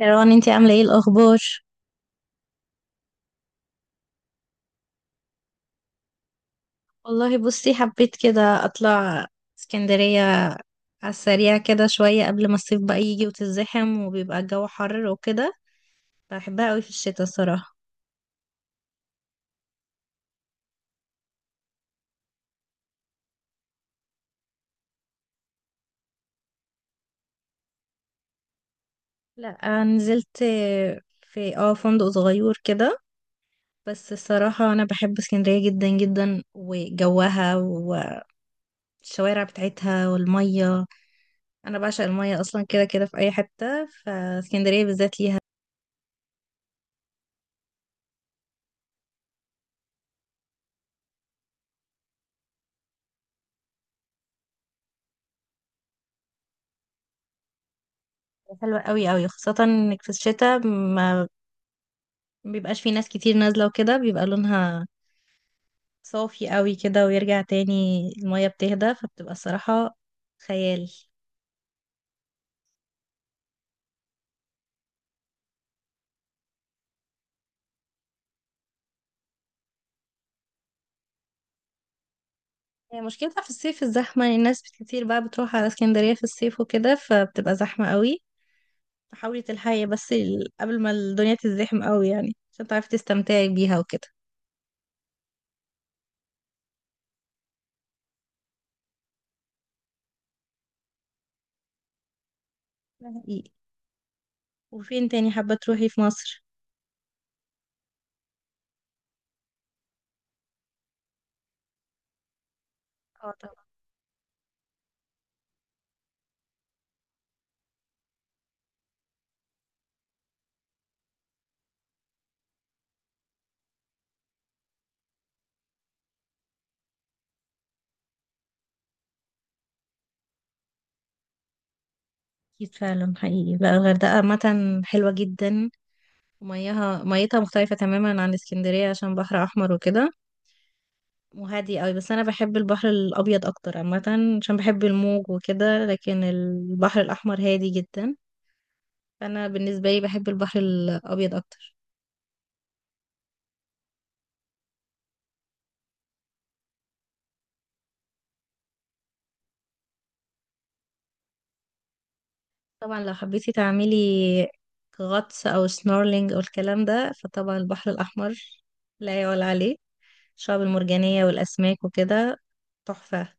مروان انتي عاملة ايه الأخبار؟ والله بصي حبيت كده أطلع اسكندرية، على السريع كده شوية قبل ما الصيف بقى يجي وتزحم وبيبقى الجو حر وكده. بحبها قوي في الشتاء الصراحة. لا نزلت في فندق صغير كده. بس الصراحة أنا بحب اسكندرية جدا جدا، وجوها والشوارع بتاعتها والمية. أنا بعشق المية أصلا كده كده في أي حتة، فاسكندرية بالذات ليها حلوة قوي قوي، خاصة انك في الشتاء ما مبيبقاش في ناس كتير نازلة وكده، بيبقى لونها صافي قوي كده، ويرجع تاني المية بتهدى فبتبقى الصراحة خيال. هي مشكلتها في الصيف الزحمة، يعني الناس كتير بقى بتروح على اسكندرية في الصيف وكده فبتبقى زحمة قوي. فحاولي تلحقي قبل ما الدنيا تزدحم قوي يعني، عشان تعرفي تستمتعي بيها وكده. ده حقيقي. وفين تاني حابة تروحي في مصر؟ اه طبعا. أكيد فعلا حقيقي، لا الغردقة عامة حلوة جدا، ومياها ميتها مختلفة تماما عن اسكندرية عشان بحر أحمر وكده، وهادي قوي. بس انا بحب البحر الابيض اكتر عامه، عشان بحب الموج وكده، لكن البحر الاحمر هادي جدا، فانا بالنسبه لي بحب البحر الابيض اكتر. طبعا لو حبيتي تعملي غطس او سنورلينج او الكلام ده فطبعا البحر الاحمر لا يعلى عليه. الشعاب المرجانيه والاسماك وكده تحفه.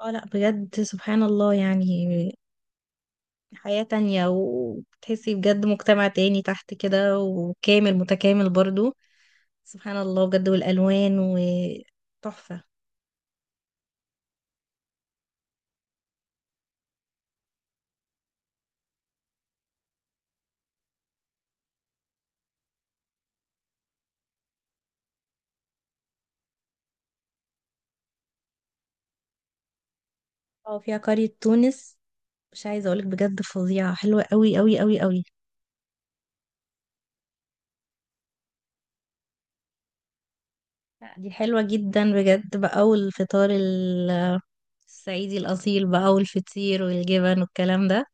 اه لا بجد سبحان الله يعني، حياه تانية وبتحسي بجد مجتمع تاني تحت كده وكامل متكامل برضو، سبحان الله بجد، والألوان وتحفة. اه فيها قرية تونس، مش عايزة أقولك بجد فظيعة، حلوة قوي قوي قوي قوي. لا، دي حلوة جدا بجد بقى، الصعيدي الأصيل بقى، والفطير والجبن والكلام ده،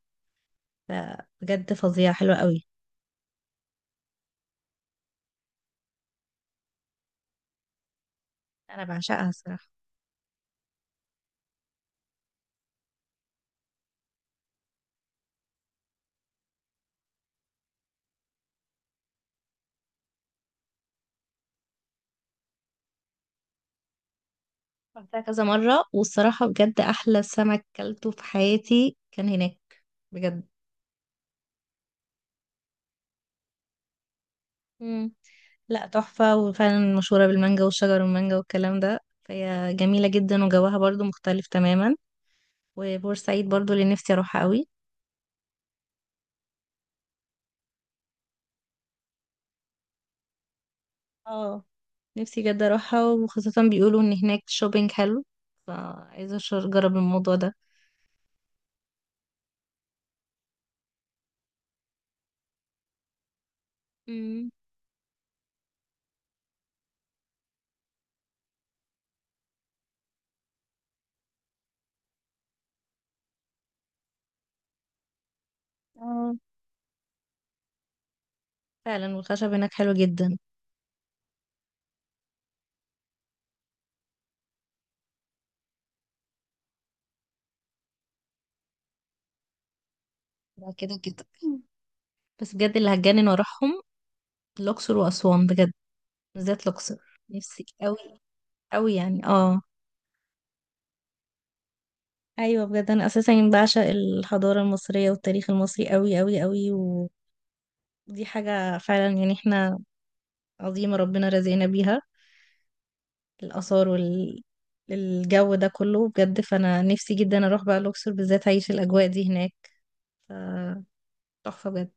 لا، بجد فظيعة حلوة قوي. أنا بعشقها الصراحة. رحتها كذا مرة، والصراحة بجد أحلى سمك كلته في حياتي كان هناك، بجد. مم. لا تحفة، وفعلا مشهورة بالمانجا والشجر والمانجا والكلام ده، فهي جميلة جدا وجوها برضو مختلف تماما. وبورسعيد برضو اللي نفسي اروحها قوي. اه، نفسي جدا اروحها، وخاصة بيقولوا ان هناك شوبينج حلو، اجرب الموضوع ده. مم. اه فعلا، والخشب هناك حلو جدا. ده كده كده. بس بجد اللي هتجنن واروحهم الاقصر واسوان بجد، بالذات الاقصر. نفسي قوي قوي يعني، اه. ايوه بجد، انا اساسا بعشق الحضاره المصريه والتاريخ المصري قوي قوي قوي، ودي حاجه فعلا يعني، احنا عظيمه ربنا رزقنا بيها، الاثار الجو ده كله بجد. فانا نفسي جدا اروح بقى الاقصر بالذات، اعيش الاجواء دي هناك، ف- تحفه بجد.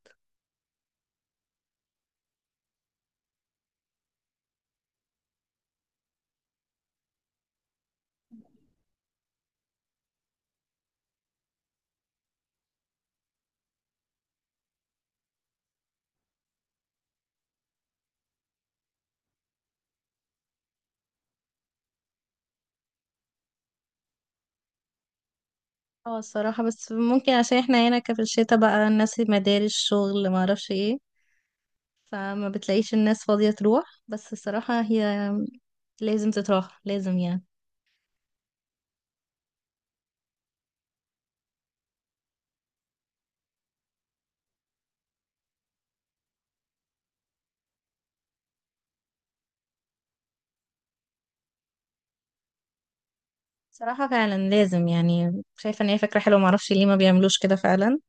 اه الصراحه، بس ممكن عشان احنا هنا كفي الشتا بقى الناس مدارس شغل ما اعرفش ايه، فما بتلاقيش الناس فاضيه تروح. بس الصراحه هي لازم تتراح لازم يعني. صراحة فعلا لازم يعني، شايفة ان هي فكرة حلوة، معرفش ليه ما بيعملوش كده فعلا،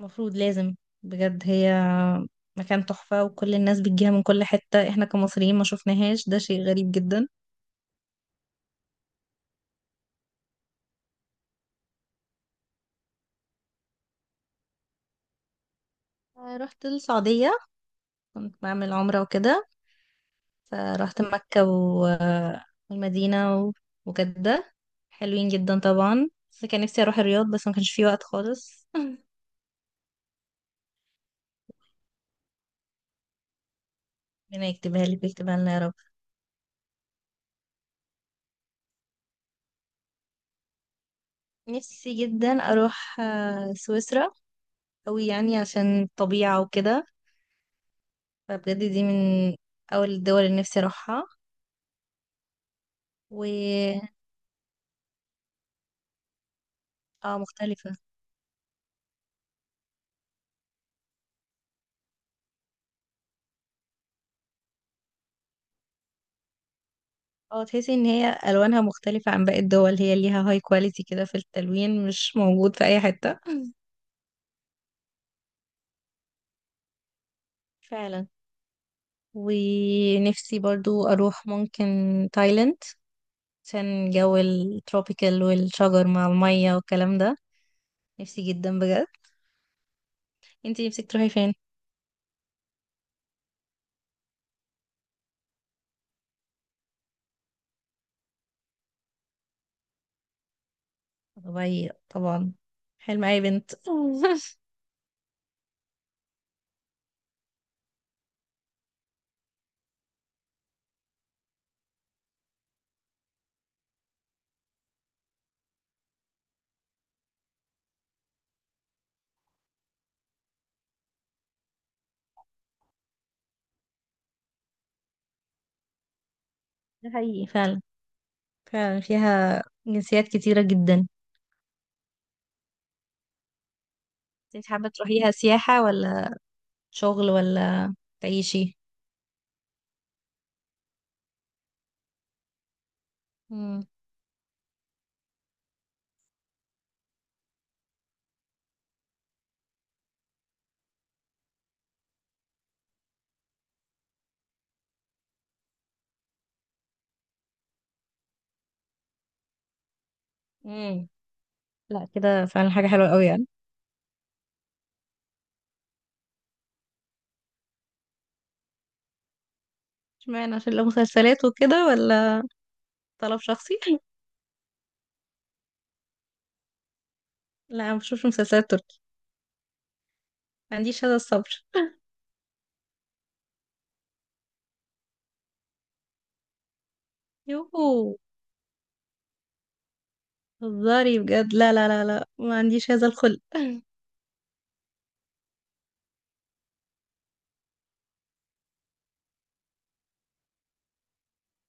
المفروض لازم. بجد هي مكان تحفة، وكل الناس بتجيها من كل حتة، احنا كمصريين ما شوفناهاش، ده شيء غريب جدا. رحت السعودية، كنت بعمل عمرة وكده، فرحت والمدينة وجدة، حلوين جدا طبعا. بس كان نفسي اروح الرياض بس ما كانش في وقت خالص ربنا يكتبها لي ويكتبها لنا يا رب. نفسي جدا اروح سويسرا أوي يعني، عشان الطبيعة وكده، فبجد دي من أول الدول اللي نفسي أروحها. و اه مختلفة. اه تحسي إن هي ألوانها مختلفة عن باقي الدول، هي ليها هاي كواليتي كده في التلوين مش موجود في أي حتة. فعلا. ونفسي برضو أروح ممكن تايلاند، عشان جو التروبيكال والشجر مع المية والكلام ده، نفسي جدا بجد. انتي نفسك تروحي فين؟ دبي طبعا حلم أي بنت ده حقيقي فعلا، فعلا فيها جنسيات كتيرة جدا. انت حابة تروحيها سياحة ولا شغل ولا تعيشي؟ مم. مم. لا كده فعلا حاجة حلوة قوي يعني. اشمعنى، عشان لو مسلسلات وكده ولا طلب شخصي؟ لا ما بشوفش مسلسلات تركي، ما عنديش هذا الصبر. يوهو، هزاري بجد، لا لا لا لا ما عنديش هذا الخلق.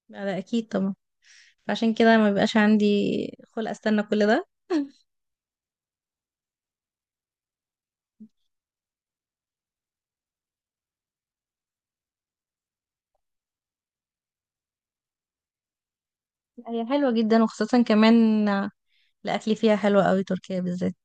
لا لا اكيد طبعا، فعشان كده ما بيبقاش عندي خلق استنى كل ده. هي حلوة جدا، وخاصة كمان الأكل فيها حلو قوي تركيا بالذات.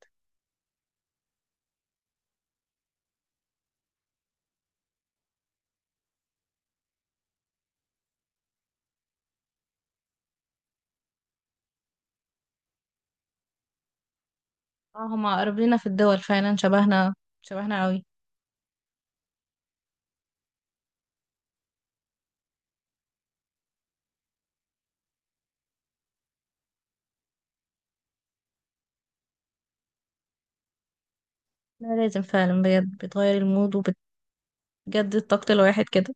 اه هما قريبينا في الدول، فعلا شبهنا شبهنا قوي. لا لازم فعلا بجد، بتغير المود وبتجدد طاقة الواحد كده.